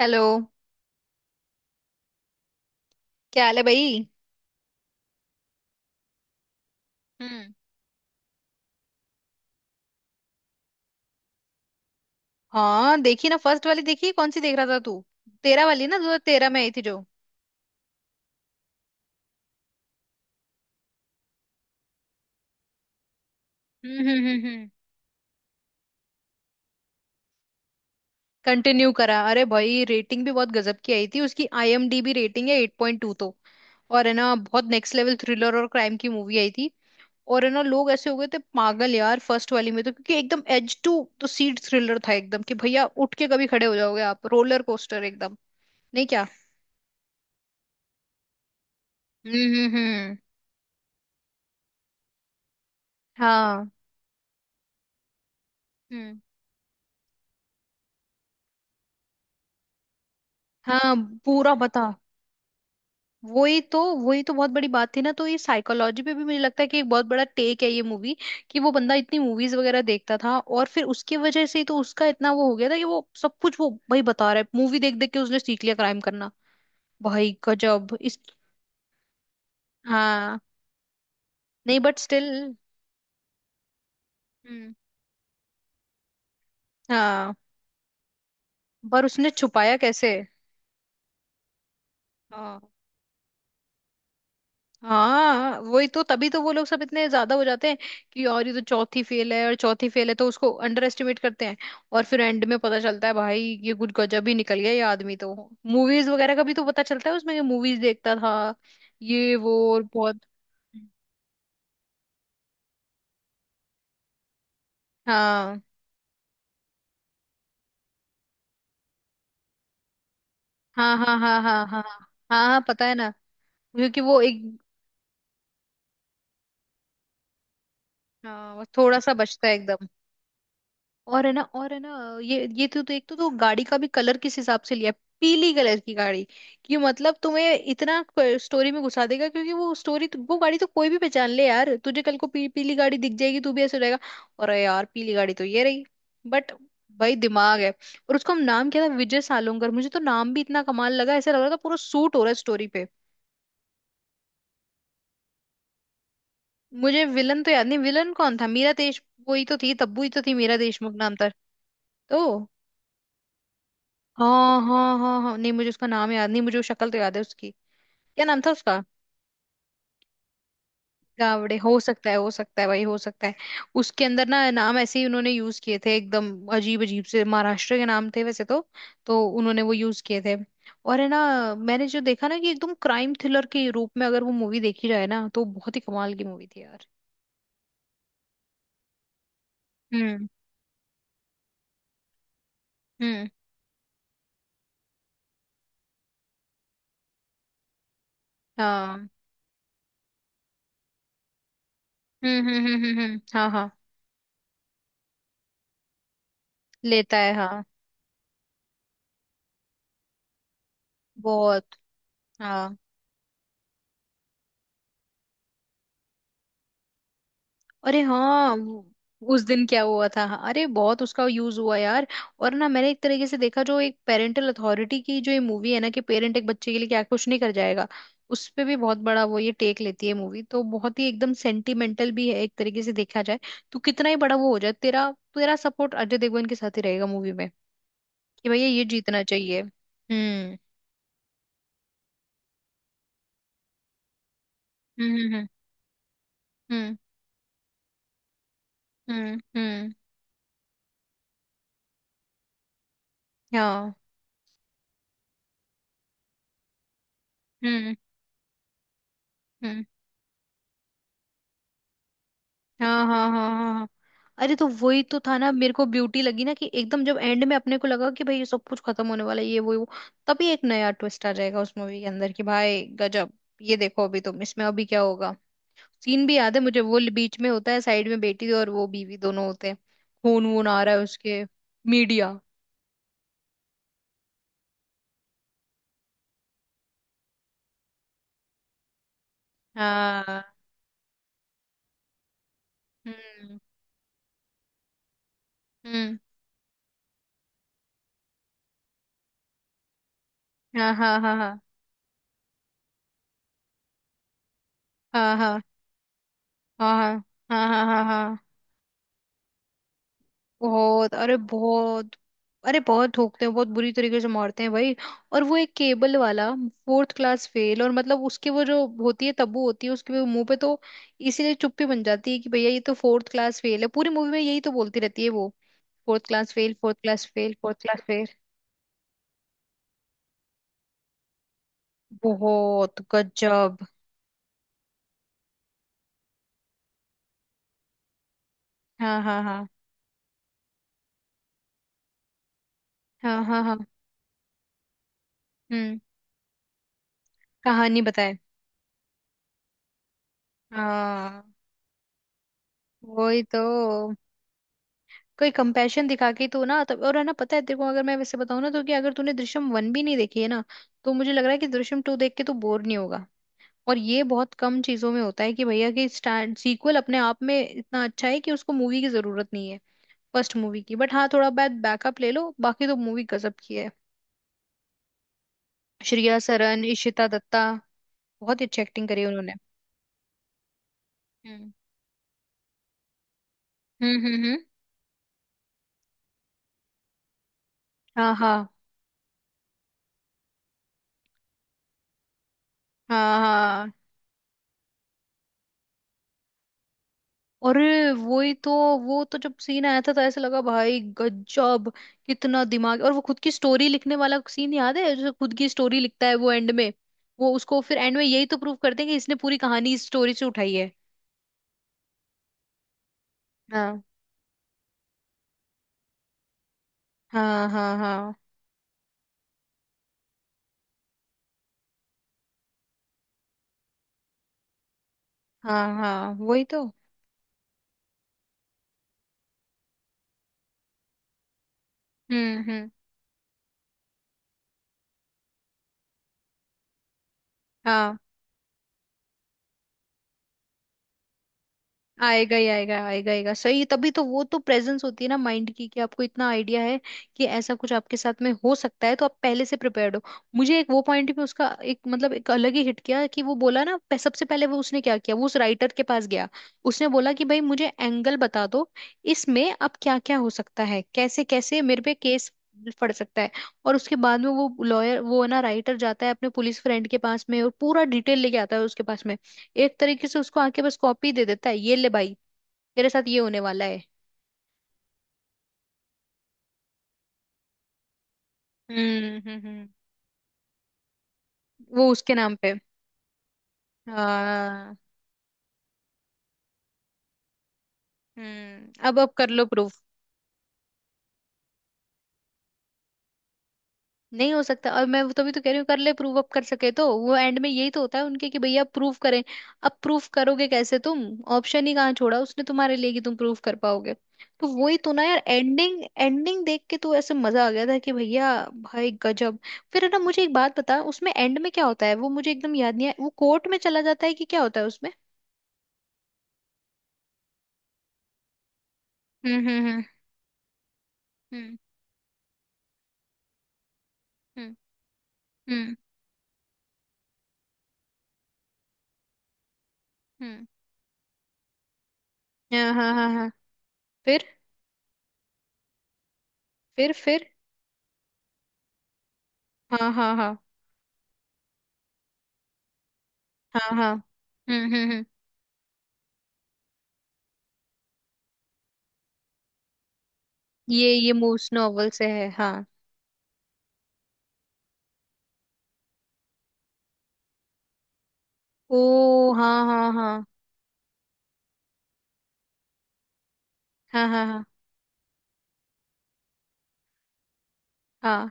Hello. क्या हाल है भाई? हम्म। हाँ, देखी ना। फर्स्ट वाली देखी? कौन सी देख रहा था तू? 13 वाली ना? 2013 में आई थी जो। हम्म, हम्म, हम्म, कंटिन्यू करा! अरे भाई, रेटिंग भी बहुत गजब की आई थी उसकी। आईएमडीबी रेटिंग है 8.2 तो। और है ना, बहुत नेक्स्ट लेवल थ्रिलर और क्राइम की मूवी आई थी। और है ना, लोग ऐसे हो गए थे पागल यार फर्स्ट वाली में तो, क्योंकि एकदम एज टू। तो सीट थ्रिलर था एकदम, कि भैया उठ के कभी खड़े हो जाओगे आप। रोलर कोस्टर एकदम। नहीं क्या? हम्म, हम्म, हम्म। हाँ। हम्म। हाँ, पूरा बता। वही तो, वही तो बहुत बड़ी बात थी ना। तो ये साइकोलॉजी पे भी मुझे लगता है कि एक बहुत बड़ा टेक है ये मूवी। कि वो बंदा इतनी मूवीज वगैरह देखता था, और फिर उसकी वजह से ही तो उसका इतना वो हो गया था। कि वो सब कुछ वो भाई बता रहा है, मूवी देख देख के उसने सीख लिया क्राइम करना। भाई गजब इस। हाँ। नहीं बट स्टिल। हम्म। हाँ। पर उसने छुपाया कैसे? हाँ, हाँ, वही तो, तभी तो वो लोग सब इतने ज्यादा हो जाते हैं। कि और ये तो चौथी फेल है, और चौथी फेल है तो उसको अंडर एस्टिमेट करते हैं। और फिर एंड में पता चलता है, भाई, ये कुछ गजब ही निकल गया ये आदमी तो। मूवीज वगैरह का भी तो पता चलता है उसमें, कि मूवीज देखता था। ये वो और बहुत। हाँ, हाँ, हाँ, हाँ, हाँ। हाँ, हाँ, हाँ पता है ना। क्योंकि वो एक। हाँ, वो थोड़ा सा बचता है एकदम। और है ना, और है ना, ये तो देख तो गाड़ी का भी कलर किस हिसाब से लिया है। पीली कलर की गाड़ी। कि मतलब तुम्हें इतना स्टोरी में घुसा देगा। क्योंकि वो स्टोरी, वो गाड़ी तो कोई भी पहचान ले यार। तुझे कल को पीली गाड़ी दिख जाएगी तू भी ऐसे रहेगा। अरे यार, पीली गाड़ी तो ये रही। बट भाई दिमाग है। और उसका नाम क्या था, विजय सालोंगर। मुझे तो नाम भी इतना कमाल लगा। ऐसा लग रहा था पूरा सूट हो रहा है स्टोरी पे। मुझे विलन तो याद नहीं। विलन कौन था? मीरा देश। वही तो थी, तब्बू ही तो थी, मीरा देशमुख नाम था। तो। हाँ, हाँ, हाँ, हाँ, नहीं मुझे उसका नाम याद नहीं। मुझे वो शक्ल तो याद है उसकी। क्या नाम था उसका? गावड़े हो सकता है, हो सकता है भाई, हो सकता है। उसके अंदर ना नाम ऐसे ही उन्होंने यूज किए थे एकदम। अजीब अजीब से महाराष्ट्र के नाम थे वैसे तो। तो उन्होंने वो यूज किए थे। और है ना, मैंने जो देखा ना, कि एकदम क्राइम थ्रिलर के रूप में अगर वो मूवी देखी जाए ना, तो बहुत ही कमाल की मूवी थी यार। हम्म, हम्म, हाँ, हम्म, हम्म, हम्म, हम्म, हाँ, हाँ। लेता है, हाँ। बहुत। हाँ। अरे हाँ उस दिन क्या हुआ था? हाँ, अरे बहुत उसका यूज हुआ यार। और ना, मैंने एक तरीके से देखा जो एक पेरेंटल अथॉरिटी की जो ये मूवी है ना, कि पेरेंट एक बच्चे के लिए क्या कुछ नहीं कर जाएगा। उस पे भी बहुत बड़ा वो ये टेक लेती है मूवी। तो बहुत ही एकदम सेंटिमेंटल भी है एक तरीके से देखा जाए। तो कितना ही बड़ा वो हो जाए, तेरा तेरा सपोर्ट अजय देवगन के साथ ही रहेगा मूवी में। कि भैया ये जीतना चाहिए। हम्म। हम्म, हम्म, हम्म, हम्म, हम्म, हाँ। हम्म, हम्म। हाँ, हाँ, हाँ, हाँ, हाँ। अरे, तो वही तो था ना। मेरे को ब्यूटी लगी ना कि एकदम जब एंड में अपने को लगा कि भाई ये सब कुछ खत्म होने वाला है, ये वो ये वो। तभी एक नया ट्विस्ट आ जाएगा उस मूवी के अंदर कि भाई गजब। ये देखो अभी तुम, इसमें अभी क्या होगा। सीन भी याद है मुझे, वो बीच में होता है साइड में बेटी और वो बीवी दोनों होते हैं। खून वून आ रहा है उसके। मीडिया। हाँ, हम्म, हम्म, हाँ, हाँ, हाँ, हाँ, हाँ, हाँ, हाँ, हाँ, हाँ, हाँ, हाँ, हाँ। बहुत। अरे बहुत। अरे, बहुत ठोकते हैं, बहुत बुरी तरीके से मारते हैं भाई। और वो एक केबल वाला, फोर्थ क्लास फेल, और मतलब उसके वो जो होती है तब्बू होती है उसके वो मुंह पे तो। इसीलिए चुप्पी बन जाती है कि भैया ये तो फोर्थ क्लास फेल है। पूरी मूवी में यही तो बोलती रहती है वो। Fourth class fail, fourth class fail, fourth class fail. बहुत गजब। हाँ, हाँ, हाँ। हाँ, हाँ, हाँ, हम्म। कहानी बताए। हाँ। वही तो। कोई कंपैशन दिखा के तो ना तब। और है ना, पता है तेरे को, अगर मैं वैसे बताऊं ना तो, कि अगर तूने दृश्यम 1 भी नहीं देखी है ना, तो मुझे लग रहा है कि दृश्यम 2 देख के तू बोर नहीं होगा। और ये बहुत कम चीजों में होता है कि भैया, कि स्टैंड सीक्वल अपने आप में इतना अच्छा है कि उसको मूवी की जरूरत नहीं है फर्स्ट मूवी की। बट हाँ, थोड़ा बहुत बैकअप ले लो, बाकी तो मूवी गजब की है। श्रेया सरन, इशिता दत्ता, बहुत ही अच्छी एक्टिंग करी है उन्होंने। हम्म, हम्म, हम्म, हम्म। हाँ, हाँ, हाँ। अरे, वही तो। वो तो जब सीन आया था तो ऐसे लगा, भाई गजब। कितना दिमाग! और वो खुद की स्टोरी लिखने वाला सीन याद है, जो खुद की स्टोरी लिखता है वो एंड में। वो उसको फिर एंड में यही तो प्रूव करते हैं कि इसने पूरी कहानी इस स्टोरी से उठाई है। हाँ, हाँ, हाँ, हाँ, हाँ, हाँ। वही तो। हम्म, हम्म। आएगा ही आएगा, आएगा आएगा। सही, तभी तो वो तो प्रेजेंस होती है ना माइंड की, कि आपको इतना आइडिया है कि ऐसा कुछ आपके साथ में हो सकता है तो आप पहले से प्रिपेयर्ड हो। मुझे एक वो पॉइंट भी उसका एक मतलब एक अलग ही हिट किया, कि वो बोला ना सबसे पहले वो उसने क्या किया, वो उस राइटर के पास गया। उसने बोला कि भाई मुझे एंगल बता दो, इसमें अब क्या क्या हो सकता है, कैसे कैसे मेरे पे केस पड़ सकता है। और उसके बाद में वो लॉयर, वो ना राइटर जाता है अपने पुलिस फ्रेंड के पास में और पूरा डिटेल लेके आता है उसके पास में। एक तरीके से उसको आके बस कॉपी दे देता है, ये ले भाई, तेरे साथ ये होने वाला है। हम्म, हम्म, हम्म। वो उसके नाम पे। हाँ। हम्म, अब कर लो प्रूफ। नहीं हो सकता। और मैं वो तभी तो कह रही हूँ, कर ले प्रूव अप कर सके तो। वो एंड में यही तो होता है उनके, कि भैया प्रूव करें, अब प्रूफ करोगे कैसे तुम? ऑप्शन ही कहाँ छोड़ा उसने तुम्हारे लिए कि तुम प्रूफ कर पाओगे। तो वही तो ना यार, एंडिंग एंडिंग देख के तो ऐसे मजा आ गया था कि भैया, भाई गजब। फिर है ना, मुझे एक बात बता, उसमें एंड में क्या होता है वो मुझे एकदम याद नहीं है। वो कोर्ट में चला जाता है कि क्या होता है उसमें? हम्म, हम्म, हम्म, हम्म, हम्म, हम्म, हाँ, हाँ, हाँ, हाँ। फिर, फिर, फिर। हाँ, हाँ, हाँ, हाँ, हाँ। हम्म, हम्म, हम्म। ये मूस नॉवल से है, हाँ। ओ हाँ, हाँ, हाँ। हाँ, हाँ। हाँ,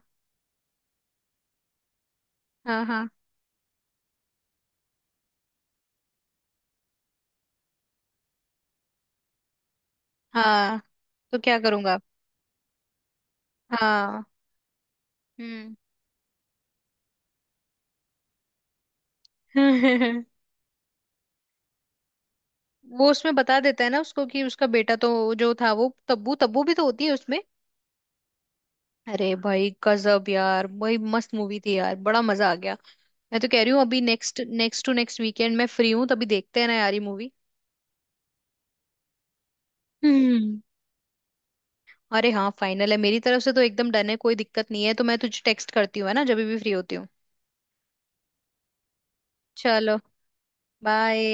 हाँ, हाँ, हाँ, हाँ। तो क्या करूंगा। हाँ। हम्म। वो उसमें बता देता है ना उसको कि उसका बेटा तो जो था वो तब्बू तब्बू भी तो होती है उसमें। अरे भाई गजब यार! भाई मस्त मूवी थी यार, बड़ा मजा आ गया। मैं तो कह रही हूँ अभी, next next to next weekend मैं फ्री हूँ, तभी देखते हैं ना यार ये मूवी। हम्म। अरे हाँ, फाइनल है मेरी तरफ से तो, एकदम डन है, कोई दिक्कत नहीं है। तो मैं तुझे टेक्स्ट करती हूँ है ना, जब भी फ्री होती हूँ। चलो, बाय।